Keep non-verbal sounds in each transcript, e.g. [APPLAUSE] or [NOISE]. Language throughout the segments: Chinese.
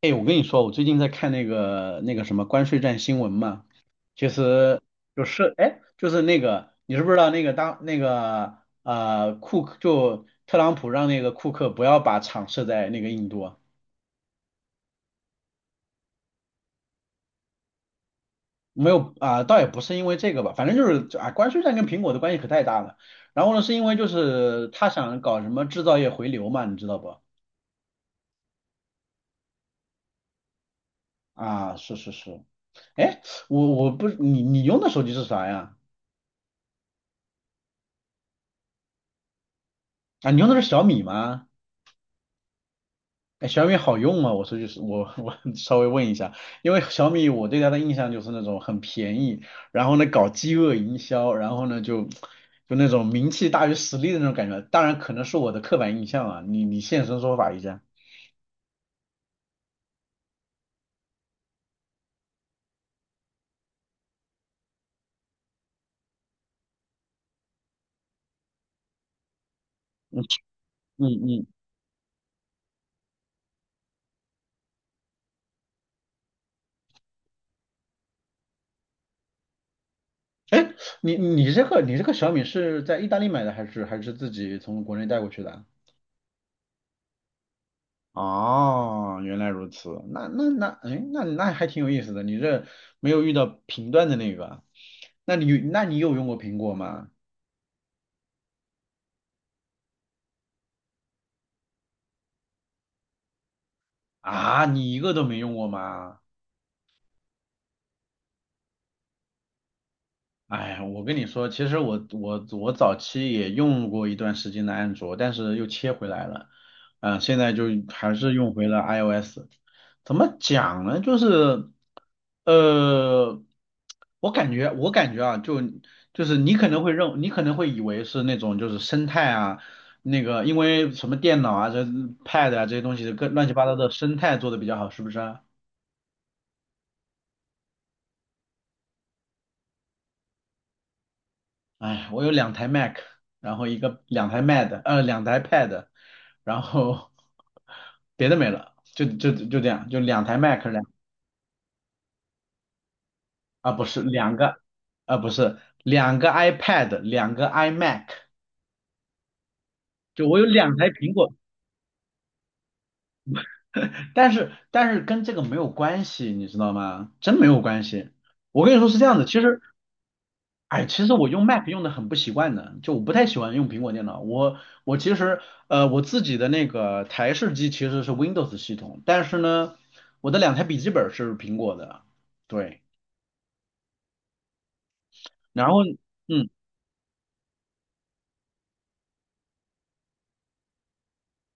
哎，我跟你说，我最近在看那个什么关税战新闻嘛，其实你知不知道那个当那个呃库克就特朗普让那个库克不要把厂设在那个印度啊。没有啊、倒也不是因为这个吧，反正就是啊关税战跟苹果的关系可太大了。然后呢，是因为就是他想搞什么制造业回流嘛，你知道不？啊，是是是，哎，我我不你你用的手机是啥呀？啊，你用的是小米吗？哎，小米好用吗？我说就是我 [LAUGHS] 稍微问一下，因为小米我对它的印象就是那种很便宜，然后呢搞饥饿营销，然后呢就那种名气大于实力的那种感觉。当然可能是我的刻板印象啊，你现身说法一下。嗯嗯，你这个小米是在意大利买的还是自己从国内带过去的啊？哦，原来如此，那，哎，那还挺有意思的。你这没有遇到频段的那个，那你有用过苹果吗？啊，你一个都没用过吗？哎，我跟你说，其实我早期也用过一段时间的安卓，但是又切回来了，嗯、现在就还是用回了 iOS。怎么讲呢？就是，呃，我感觉啊，就是你可能会认，你可能会以为是那种就是生态啊，那个因为什么电脑啊、这 Pad 啊这些东西的各乱七八糟的生态做的比较好，是不是啊？哎，我有两台 Mac，然后一个两台 Mad，两台 Pad，然后 [LAUGHS] 别的没了，就这样，就两台 Mac 两，啊不是两个啊不是两个 iPad，两个 iMac，就我有两台苹果，但是跟这个没有关系，你知道吗？真没有关系。我跟你说是这样的，其实哎，其实我用 Mac 用的很不习惯的，就我不太喜欢用苹果电脑。我其实我自己的那个台式机其实是 Windows 系统，但是呢，我的两台笔记本是苹果的，对。然后嗯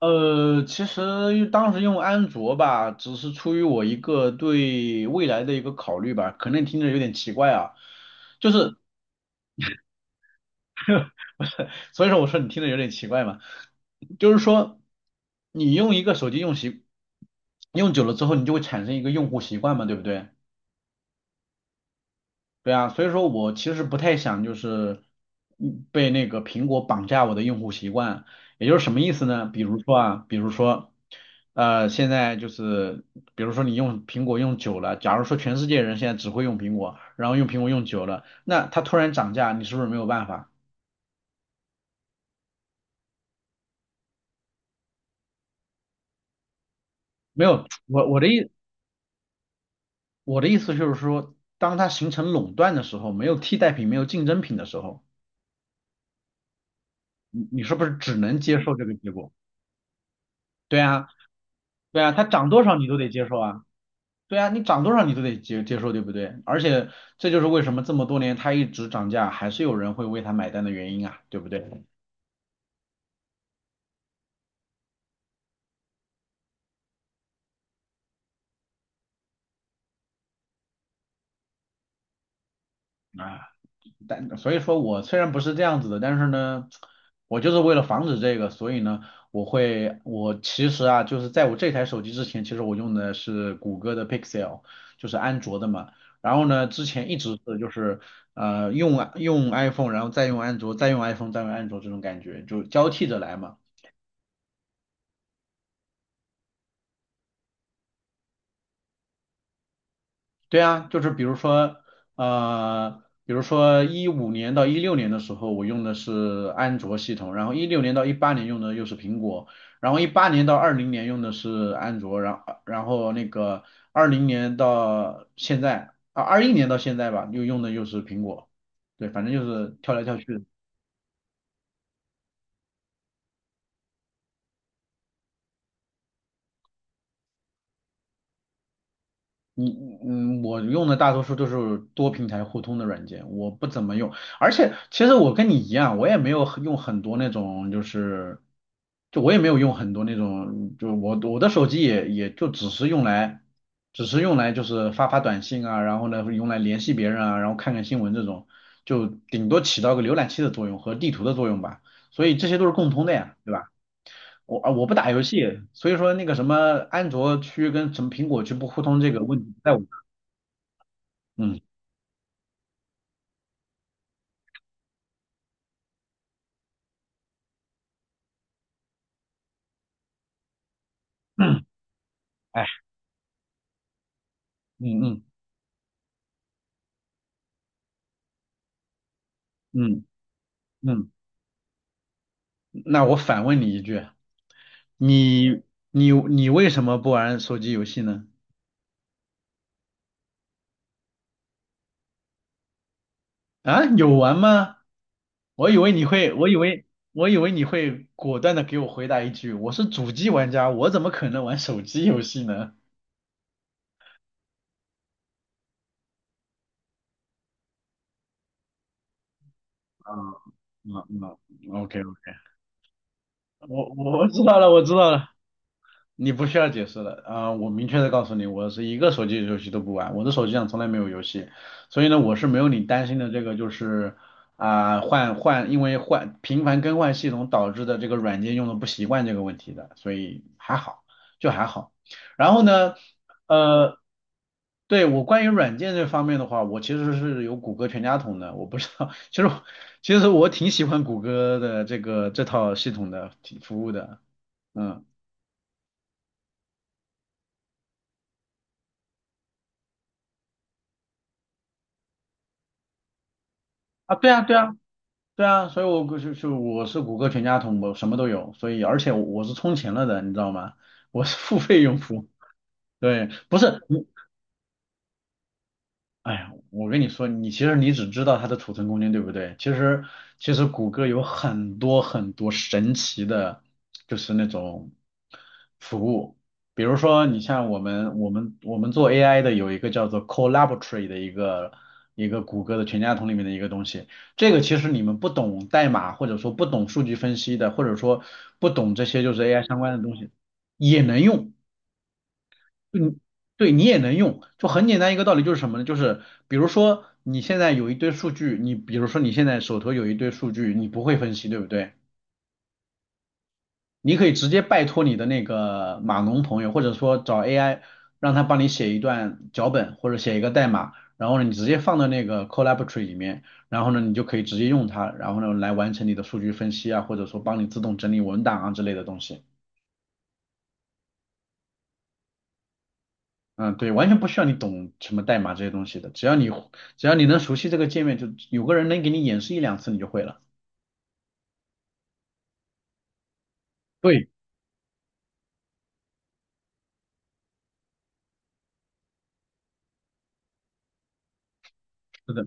其实当时用安卓吧，只是出于我一个对未来的一个考虑吧，可能听着有点奇怪啊，就是 [LAUGHS] 所以说我说你听着有点奇怪嘛，就是说你用一个手机用习用久了之后，你就会产生一个用户习惯嘛，对不对？对啊，所以说我其实不太想就是被那个苹果绑架我的用户习惯，也就是什么意思呢？比如说啊，比如说现在就是比如说你用苹果用久了，假如说全世界人现在只会用苹果，然后用苹果用久了，那它突然涨价，你是不是没有办法？没有，我的意思就是说，当它形成垄断的时候，没有替代品，没有竞争品的时候，你是不是只能接受这个结果？对啊，对啊，它涨多少你都得接受啊，对啊，你涨多少你都得接受，对不对？而且这就是为什么这么多年它一直涨价，还是有人会为它买单的原因啊，对不对？但所以说我虽然不是这样子的，但是呢，我就是为了防止这个，所以呢，我会，我其实啊，就是在我这台手机之前，其实我用的是谷歌的 Pixel，就是安卓的嘛。然后呢，之前一直是就是用 iPhone，然后再用安卓，再用 iPhone，再用安卓这种感觉，就交替着来嘛。对啊，就是比如说，比如说一五年到一六年的时候，我用的是安卓系统，然后一六年到一八年用的又是苹果，然后一八年到二零年用的是安卓，然后二零年到现在啊，二一年到现在吧，又用的又是苹果，对，反正就是跳来跳去。你嗯，嗯我用的大多数都是多平台互通的软件，我不怎么用。而且其实我跟你一样，我也没有很用很多那种，就是就我也没有用很多那种，就我我的手机也也就只是用来，只是用来就是发发短信啊，然后呢用来联系别人啊，然后看看新闻这种，就顶多起到个浏览器的作用和地图的作用吧。所以这些都是共通的呀，对吧？我啊我不打游戏，所以说那个什么安卓区跟什么苹果区不互通这个问题，在我。嗯嗯，哎，嗯嗯嗯嗯，那我反问你一句，你你为什么不玩手机游戏呢？啊，有玩吗？我以为你会，我以为我以为你会果断的给我回答一句，我是主机玩家，我怎么可能玩手机游戏呢？啊啊啊，OK OK，我知道了，我知道了。你不需要解释了啊、我明确的告诉你，我是一个手机游戏都不玩，我的手机上从来没有游戏，所以呢，我是没有你担心的这个就是啊、换换因为换频繁更换系统导致的这个软件用的不习惯这个问题的，所以还好，就还好。然后呢，呃，对我关于软件这方面的话，我其实是有谷歌全家桶的，我不知道，[LAUGHS] 其实我挺喜欢谷歌的这个这套系统的挺服务的，嗯。啊，对啊，对啊，对啊，所以我就是就我是谷歌全家桶，我什么都有，所以而且我是充钱了的，你知道吗？我是付费用户。对，不是，哎呀，我跟你说，你其实你只知道它的储存空间，对不对？其实谷歌有很多很多神奇的，就是那种服务，比如说你像我们做 AI 的有一个叫做 Collaboratory 的一个谷歌的全家桶里面的一个东西，这个其实你们不懂代码或者说不懂数据分析的，或者说不懂这些就是 AI 相关的东西也能用。嗯，对你也能用，就很简单一个道理，就是什么呢？就是比如说你现在有一堆数据，你比如说你现在手头有一堆数据，你不会分析，对不对？你可以直接拜托你的那个码农朋友，或者说找 AI 让他帮你写一段脚本或者写一个代码，然后呢你直接放到那个 Collaboratory 里面，然后呢你就可以直接用它，然后呢来完成你的数据分析啊，或者说帮你自动整理文档啊之类的东西。嗯，对，完全不需要你懂什么代码这些东西的，只要你能熟悉这个界面，就有个人能给你演示一两次，你就会了。对，是的，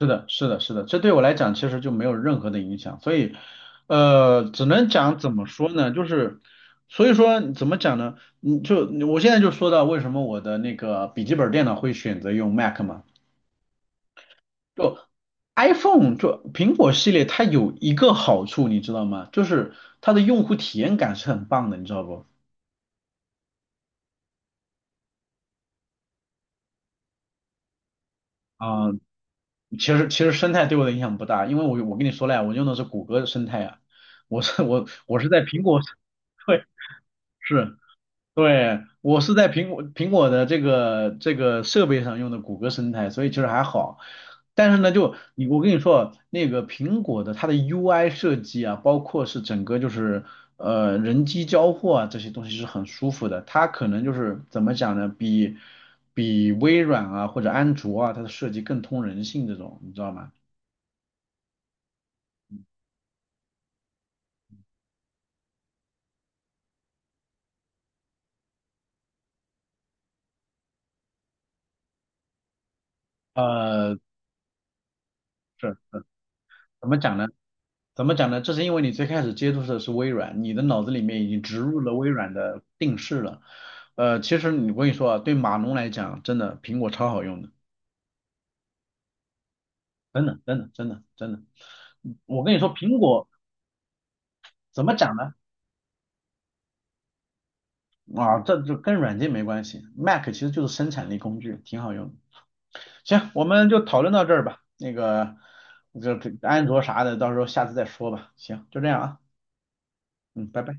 是的，这对我来讲其实就没有任何的影响，所以，只能讲怎么说呢，就是，所以说怎么讲呢？你就我现在就说到为什么我的那个笔记本电脑会选择用 Mac 嘛，就 iPhone 就苹果系列它有一个好处，你知道吗？就是它的用户体验感是很棒的，你知道不？啊、其实生态对我的影响不大，因为我跟你说了呀，我用的是谷歌的生态啊，我是在苹果，[LAUGHS] 对，是，对，我是在苹果的这个设备上用的谷歌生态，所以其实还好。但是呢，就你我跟你说，那个苹果的它的 UI 设计啊，包括是整个就是人机交互啊这些东西是很舒服的，它可能就是怎么讲呢，比微软啊或者安卓啊它的设计更通人性这种，你知道吗？呃，是怎么讲呢？怎么讲呢？这是因为你最开始接触的是微软，你的脑子里面已经植入了微软的定式了。其实你我跟你说啊，对码农来讲，真的苹果超好用的，真的。我跟你说，苹果怎么讲呢？啊，这就跟软件没关系，Mac 其实就是生产力工具，挺好用的。行，我们就讨论到这儿吧。那个，这这安卓啥的，到时候下次再说吧。行，就这样啊，嗯，拜拜。